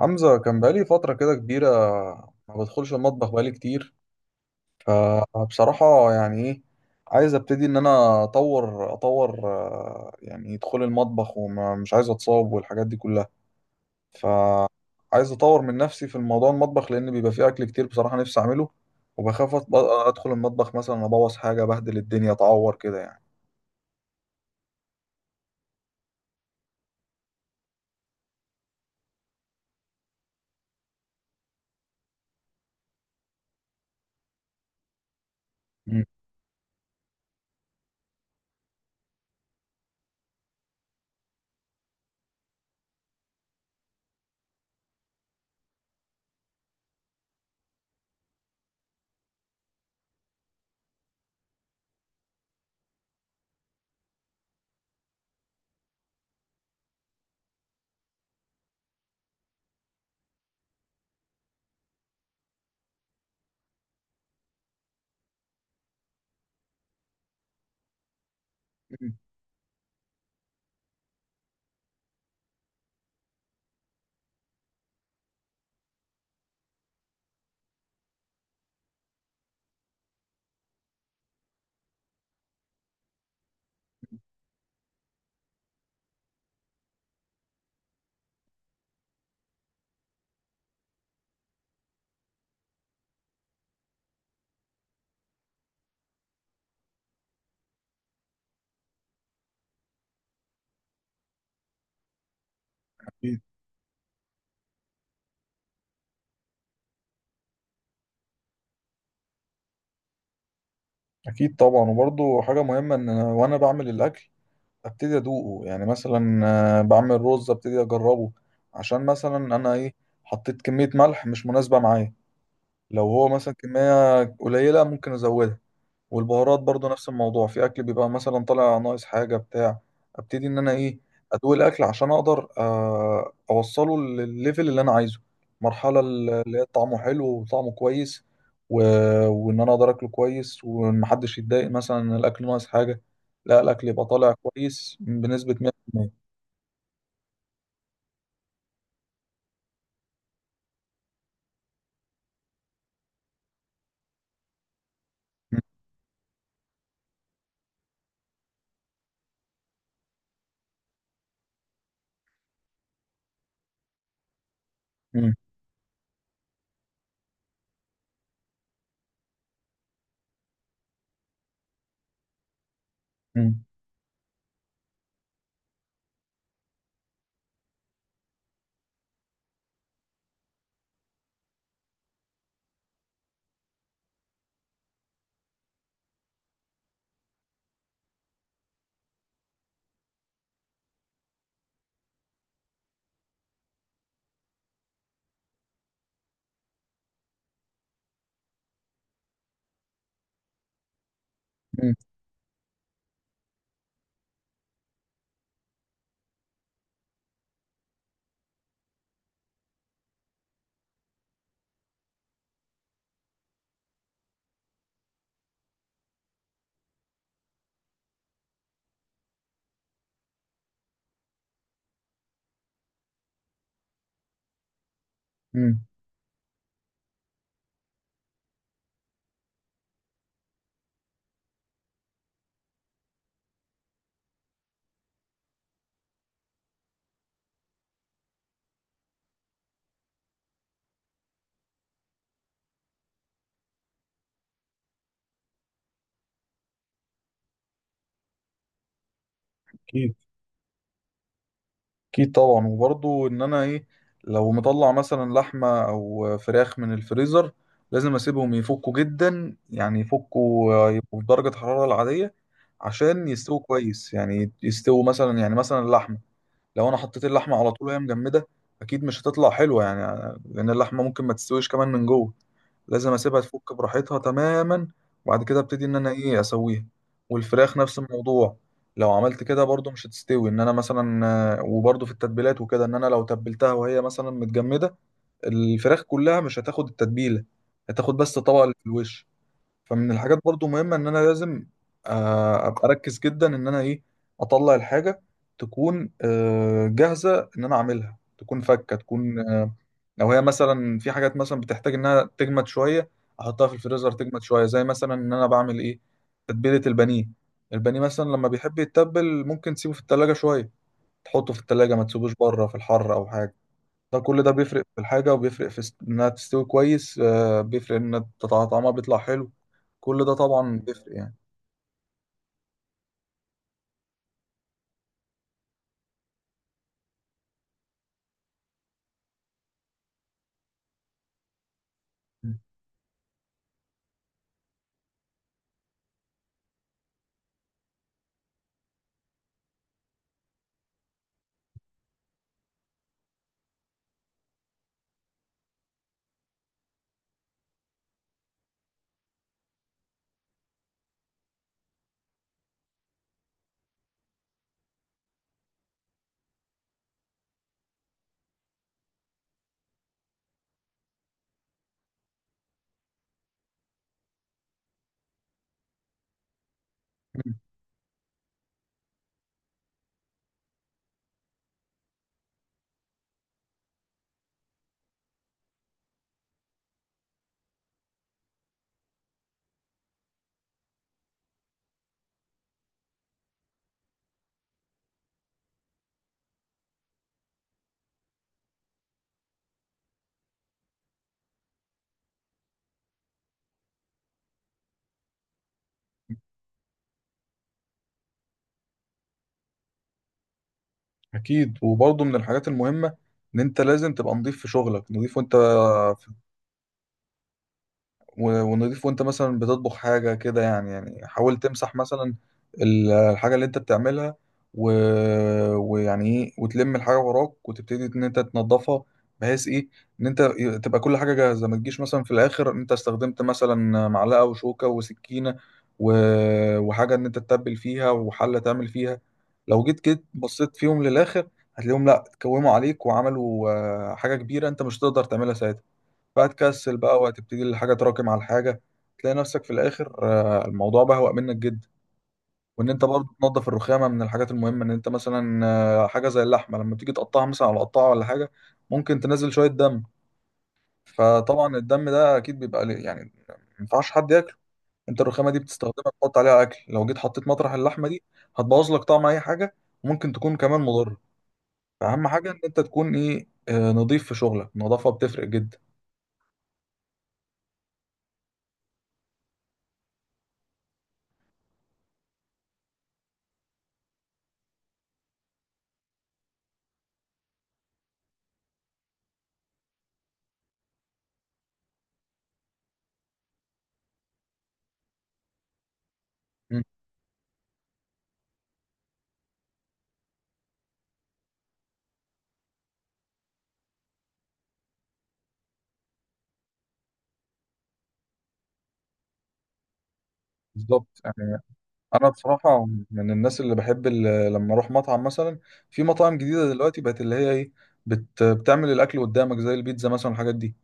حمزة كان بقالي فترة كده كبيرة، ما بدخلش المطبخ بقالي كتير. فبصراحة يعني ايه، عايز ابتدي ان انا اطور، يعني دخول المطبخ، ومش عايز اتصاب والحاجات دي كلها. فعايز اطور من نفسي في الموضوع المطبخ، لان بيبقى فيه اكل كتير بصراحة نفسي اعمله. وبخاف ادخل المطبخ مثلا ابوظ حاجة، بهدل الدنيا، اتعور كده يعني. مم. اكيد أكيد طبعا، وبرضه حاجة مهمة ان وانا بعمل الاكل ابتدي ادوقه. يعني مثلا بعمل رز ابتدي اجربه عشان مثلا انا ايه، حطيت كمية ملح مش مناسبة معايا، لو هو مثلا كمية قليلة ممكن ازودها. والبهارات برضو نفس الموضوع، في اكل بيبقى مثلا طالع ناقص حاجه بتاع، ابتدي ان انا ايه، ادوق الاكل عشان اقدر اوصله للليفل اللي انا عايزه، المرحله اللي هي طعمه حلو وطعمه كويس. و... وان انا اقدر اكله كويس ومحدش يتضايق مثلا ان الاكل ناقص حاجه، لا الاكل يبقى طالع كويس بنسبه 100%. م- م- م- م- م- اكيد اكيد طبعا، وبرضه ان انا ايه، لو مطلع مثلا لحمه او فراخ من الفريزر لازم اسيبهم يفكوا جدا، يعني يفكوا يبقوا في درجه حراره العاديه عشان يستووا كويس، يعني يستووا مثلا، يعني مثلا اللحمه لو انا حطيت اللحمه على طول وهي مجمده اكيد مش هتطلع حلوه، يعني لان اللحمه ممكن ما تستويش كمان من جوه. لازم اسيبها تفك براحتها تماما وبعد كده ابتدي ان انا ايه اسويها. والفراخ نفس الموضوع، لو عملت كده برضو مش هتستوي ان انا مثلا. وبرضو في التتبيلات وكده ان انا لو تبلتها وهي مثلا متجمده الفراخ كلها مش هتاخد التتبيله، هتاخد بس الطبقه اللي في الوش. فمن الحاجات برضو مهمة ان انا لازم ابقى اركز جدا ان انا ايه، اطلع الحاجة تكون جاهزة ان انا اعملها، تكون فكة تكون لو هي مثلا في حاجات مثلا بتحتاج انها تجمد شوية احطها في الفريزر تجمد شوية، زي مثلا ان انا بعمل ايه، تتبيلة البانيه. البانيه مثلا لما بيحب يتبل ممكن تسيبه في التلاجة شوية، تحطه في التلاجة ما تسيبوش بره في الحر او حاجة. ده كل ده بيفرق في الحاجة وبيفرق في إنها تستوي كويس، بيفرق إن طعمها بيطلع حلو. كل ده طبعا بيفرق يعني. مم. أكيد وبرضه من الحاجات المهمة إن أنت لازم تبقى نضيف في شغلك، نضيف وأنت ونضيف وانت مثلا بتطبخ حاجة كده يعني، يعني حاول تمسح مثلا الحاجة اللي انت بتعملها. و... ويعني ايه وتلم الحاجة وراك وتبتدي ان انت تنظفها، بحيث ايه ان انت تبقى كل حاجة جاهزة، ما تجيش مثلا في الاخر انت استخدمت مثلا معلقة وشوكة وسكينة و... وحاجة ان انت تتبل فيها وحلة تعمل فيها، لو جيت كده بصيت فيهم للاخر هتلاقيهم لا اتكوموا عليك وعملوا حاجة كبيرة انت مش هتقدر تعملها ساعتها، فهتكسل بقى وهتبتدي الحاجة تراكم على الحاجة، تلاقي نفسك في الآخر الموضوع بهوأ منك جدا. وإن أنت برضه تنظف الرخامة من الحاجات المهمة، إن أنت مثلا حاجة زي اللحمة لما تيجي تقطعها مثلا على قطاعة ولا حاجة ممكن تنزل شوية دم، فطبعا الدم ده أكيد بيبقى يعني ما ينفعش حد ياكله. أنت الرخامة دي بتستخدمها تحط عليها أكل، لو جيت حطيت مطرح اللحمة دي هتبوظ لك طعم أي حاجة، وممكن تكون كمان مضرة. فأهم حاجة إن أنت تكون إيه، نظيف في شغلك، النظافة بتفرق جدا. مم، بالظبط يعني. انا بصراحه من الناس اللي بحب لما اروح مطعم مثلا، في مطاعم جديده دلوقتي بقت اللي هي ايه، بتعمل الاكل قدامك زي البيتزا مثلا والحاجات دي.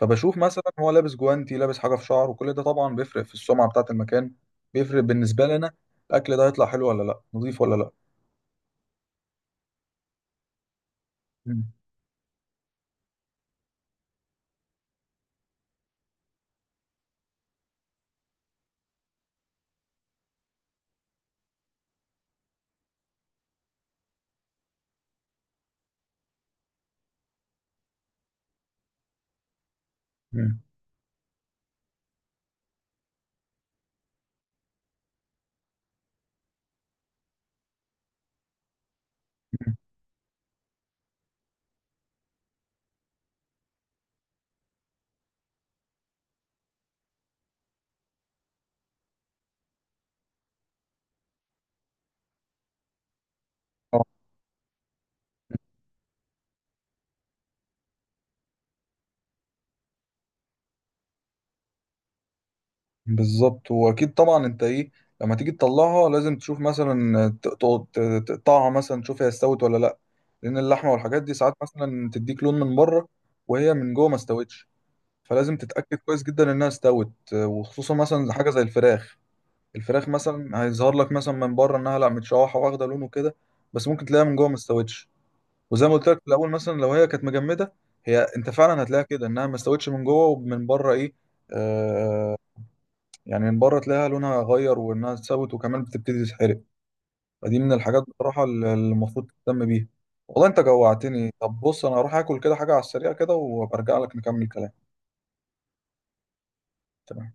فبشوف مثلا هو لابس جوانتي لابس حاجه في شعره، وكل ده طبعا بيفرق في السمعه بتاعه المكان، بيفرق بالنسبه لنا الاكل ده هيطلع حلو ولا لا، نظيف ولا لا. مم. مم. مم. آه. بالظبط واكيد طبعا انت ايه، لما تيجي تطلعها لازم تشوف مثلا تقعد تقطعها مثلا تشوف هي استوت ولا لا، لان اللحمه والحاجات دي ساعات مثلا تديك لون من بره وهي من جوه ما استوتش. فلازم تتاكد كويس جدا انها استوت، وخصوصا مثلا حاجه زي الفراخ. الفراخ مثلا هيظهر لك مثلا من بره انها لا متشوحه واخده لون وكده، بس ممكن تلاقيها من جوه ما استوتش. وزي ما قلت لك في الاول مثلا لو هي كانت مجمده، هي انت فعلا هتلاقيها كده انها ما استوتش من جوه ومن بره ايه، يعني من بره تلاقيها لونها غير وانها اتسوت وكمان بتبتدي تتحرق. فدي من الحاجات بصراحه اللي المفروض تهتم بيها. والله انت جوعتني، طب بص انا هروح اكل كده حاجه على السريع كده، وبرجع لك نكمل كلام. تمام.